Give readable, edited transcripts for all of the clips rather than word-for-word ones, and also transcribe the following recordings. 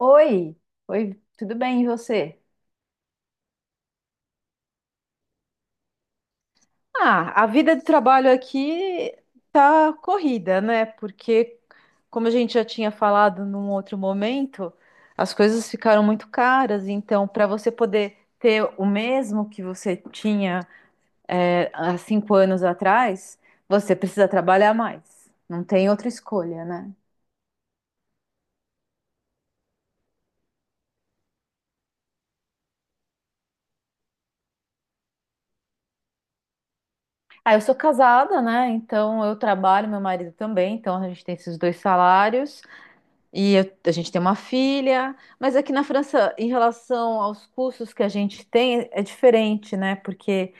Oi, oi, tudo bem, e você? Ah, a vida de trabalho aqui tá corrida, né? Porque, como a gente já tinha falado num outro momento, as coisas ficaram muito caras. Então, para você poder ter o mesmo que você tinha, há cinco anos atrás, você precisa trabalhar mais. Não tem outra escolha, né? Ah, eu sou casada, né? Então eu trabalho, meu marido também, então a gente tem esses dois salários. A gente tem uma filha, mas aqui na França, em relação aos custos que a gente tem, é diferente, né? Porque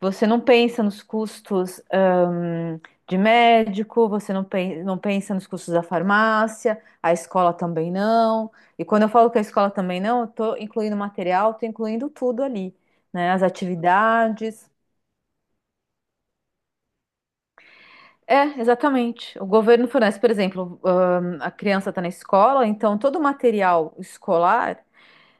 você não pensa nos custos, de médico, você não pensa nos custos da farmácia, a escola também não. E quando eu falo que a escola também não, eu tô incluindo material, tô incluindo tudo ali, né? As atividades. É, exatamente. O governo fornece, por exemplo, a criança está na escola, então todo o material escolar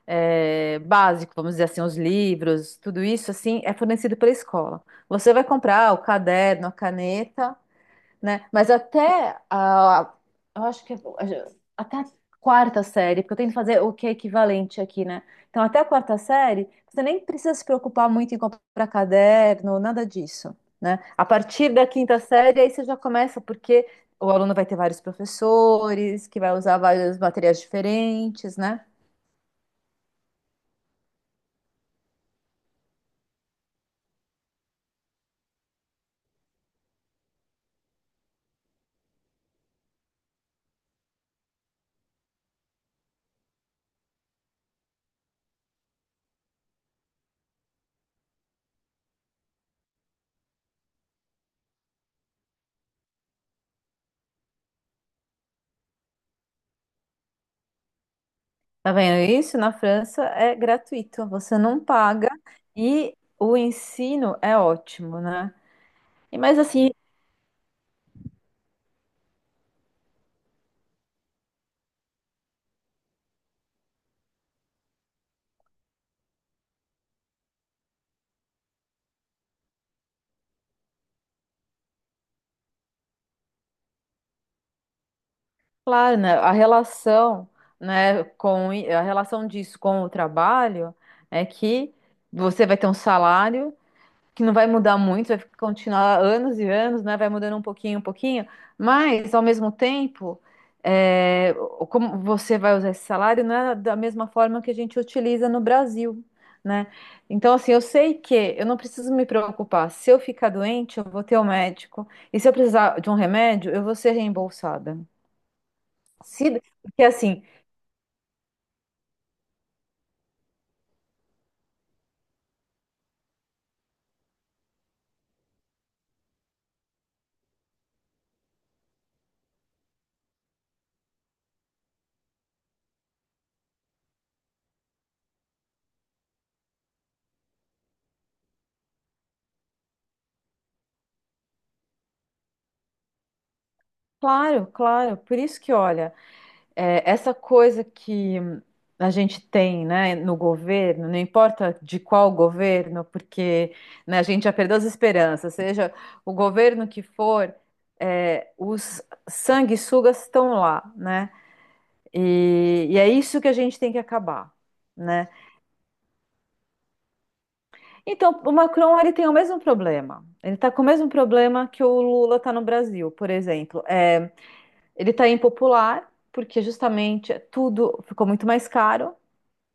é, básico, vamos dizer assim, os livros, tudo isso assim é fornecido pela escola. Você vai comprar o caderno, a caneta, né? Mas eu acho que é- até a quarta série, porque eu tento fazer o que é equivalente aqui, né? Então até a quarta série, você nem precisa se preocupar muito em comprar caderno, nada disso, né? A partir da quinta série aí você já começa porque o aluno vai ter vários professores, que vai usar vários materiais diferentes, né? Tá vendo isso? Na França é gratuito, você não paga e o ensino é ótimo, né? E mas assim, claro, né, a relação, né, com a relação disso com o trabalho é que você vai ter um salário que não vai mudar muito, vai continuar anos e anos, né? Vai mudando um pouquinho, mas ao mesmo tempo, é, como você vai usar esse salário não é da mesma forma que a gente utiliza no Brasil, né? Então, assim, eu sei que eu não preciso me preocupar. Se eu ficar doente, eu vou ter o médico, e se eu precisar de um remédio, eu vou ser reembolsada. Se, Porque assim, claro, claro, por isso que olha. É, essa coisa que a gente tem, né, no governo, não importa de qual governo, porque né, a gente já perdeu as esperanças, seja o governo que for, é, os sanguessugas estão lá, né? E é isso que a gente tem que acabar, né? Então, o Macron, ele tem o mesmo problema. Ele está com o mesmo problema que o Lula está no Brasil, por exemplo. É, ele está impopular, porque justamente tudo ficou muito mais caro,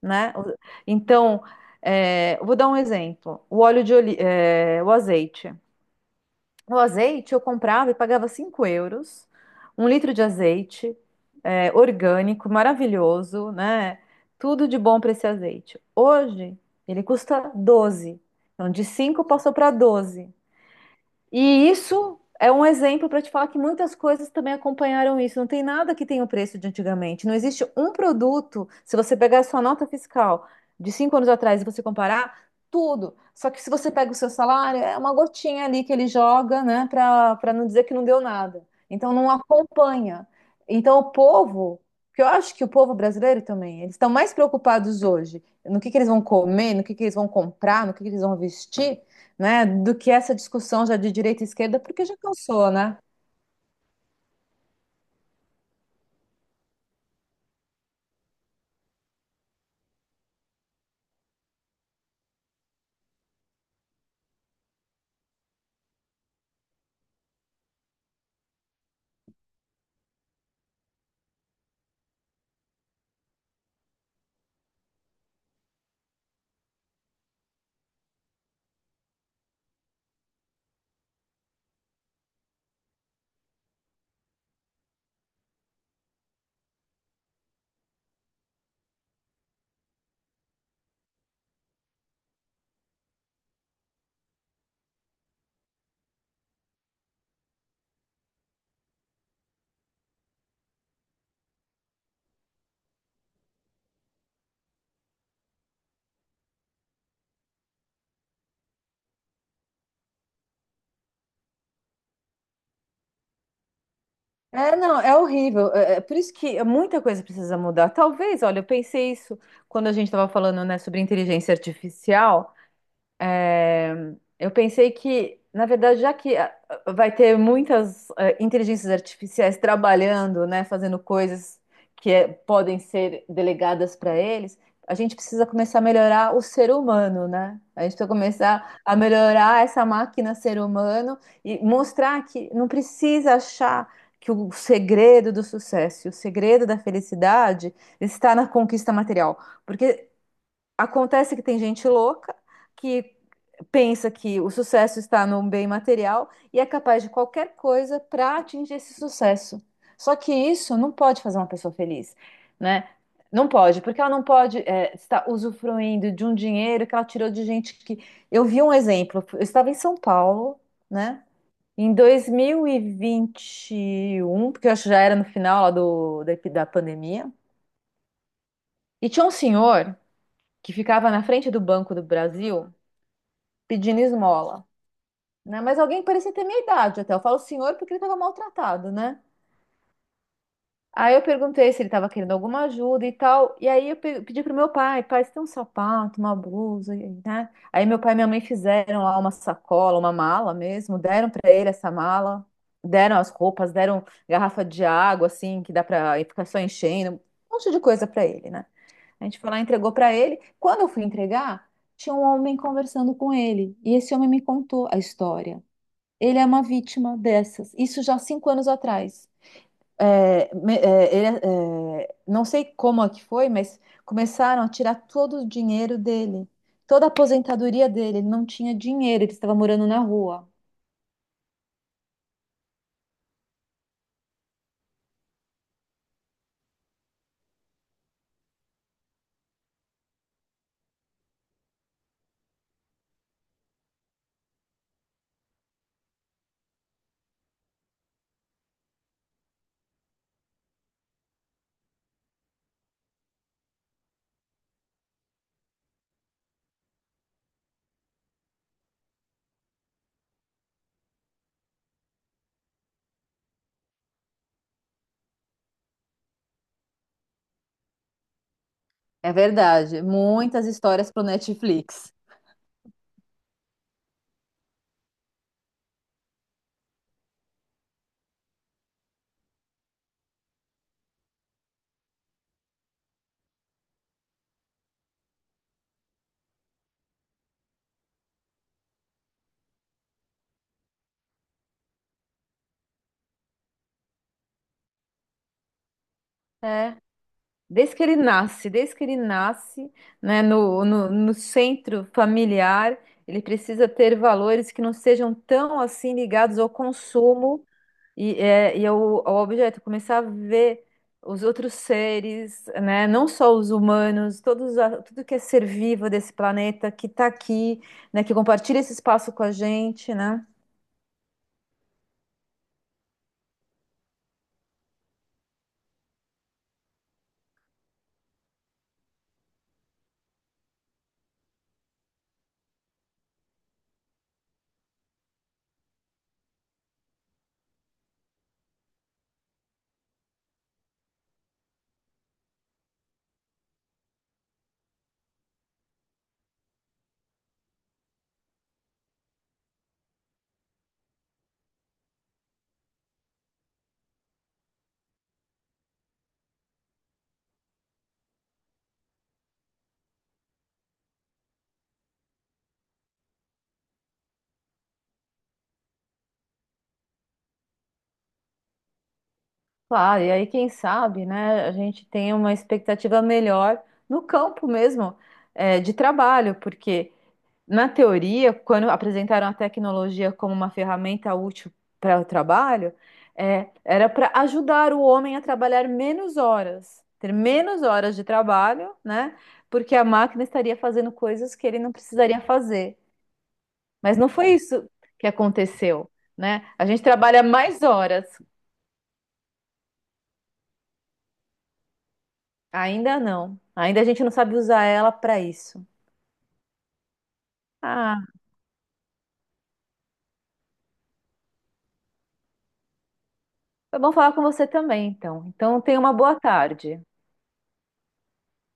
né? Então, é, eu vou dar um exemplo. O óleo de oli- é, O azeite. O azeite eu comprava e pagava 5 euros, um litro de azeite, é, orgânico, maravilhoso, né? Tudo de bom para esse azeite. Hoje ele custa 12. Então, de 5 passou para 12, e isso é um exemplo para te falar que muitas coisas também acompanharam isso. Não tem nada que tenha o preço de antigamente. Não existe um produto, se você pegar a sua nota fiscal de 5 anos atrás e você comparar, tudo. Só que se você pega o seu salário, é uma gotinha ali que ele joga, né, para não dizer que não deu nada. Então não acompanha. Então o povo, que eu acho que o povo brasileiro também, eles estão mais preocupados hoje no que eles vão comer, no que eles vão comprar, no que eles vão vestir, né, do que essa discussão já de direita e esquerda, porque já cansou, né? É, não, é horrível. É por isso que muita coisa precisa mudar. Talvez, olha, eu pensei isso quando a gente estava falando, né, sobre inteligência artificial. Eu pensei que, na verdade, já que vai ter muitas inteligências artificiais trabalhando, né, fazendo coisas que podem ser delegadas para eles, a gente precisa começar a melhorar o ser humano, né? A gente precisa começar a melhorar essa máquina ser humano e mostrar que não precisa achar que o segredo do sucesso, o segredo da felicidade está na conquista material, porque acontece que tem gente louca que pensa que o sucesso está no bem material e é capaz de qualquer coisa para atingir esse sucesso. Só que isso não pode fazer uma pessoa feliz, né? Não pode, porque ela não pode é, estar usufruindo de um dinheiro que ela tirou de gente que. Eu vi um exemplo, eu estava em São Paulo, né? Em dois mil e vinte e um, porque eu acho que já era no final lá do, da pandemia, e tinha um senhor que ficava na frente do Banco do Brasil pedindo esmola. Né? Mas alguém que parecia ter minha idade até. Eu falo senhor porque ele estava maltratado, né? Aí eu perguntei se ele estava querendo alguma ajuda e tal. E aí eu pedi pro meu pai, pai, você tem um sapato, uma blusa, e- né? Aí meu pai e minha mãe fizeram lá uma sacola, uma mala mesmo, deram para ele essa mala, deram as roupas, deram garrafa de água assim, que dá para ficar só enchendo, um monte de coisa para ele, né? A gente foi lá e entregou para ele. Quando eu fui entregar, tinha um homem conversando com ele, e esse homem me contou a história. Ele é uma vítima dessas. Isso já há 5 anos atrás. Não sei como é que foi, mas começaram a tirar todo o dinheiro dele, toda a aposentadoria dele. Ele não tinha dinheiro, ele estava morando na rua. É verdade. Muitas histórias pro Netflix. É. Desde que ele nasce, desde que ele nasce, né, no centro familiar, ele precisa ter valores que não sejam tão assim ligados ao consumo. O objeto, começar a ver os outros seres, né? Não só os humanos, todos, a- tudo que é ser vivo desse planeta que está aqui, né? Que compartilha esse espaço com a gente, né? Claro, e aí quem sabe, né? A gente tem uma expectativa melhor no campo mesmo, é, de trabalho, porque na teoria, quando apresentaram a tecnologia como uma ferramenta útil para o trabalho, é, era para ajudar o homem a trabalhar menos horas, ter menos horas de trabalho, né? Porque a máquina estaria fazendo coisas que ele não precisaria fazer. Mas não foi isso que aconteceu, né? A gente trabalha mais horas. Ainda não. Ainda a gente não sabe usar ela para isso. Ah, foi bom falar com você também, então. Então, tenha uma boa tarde.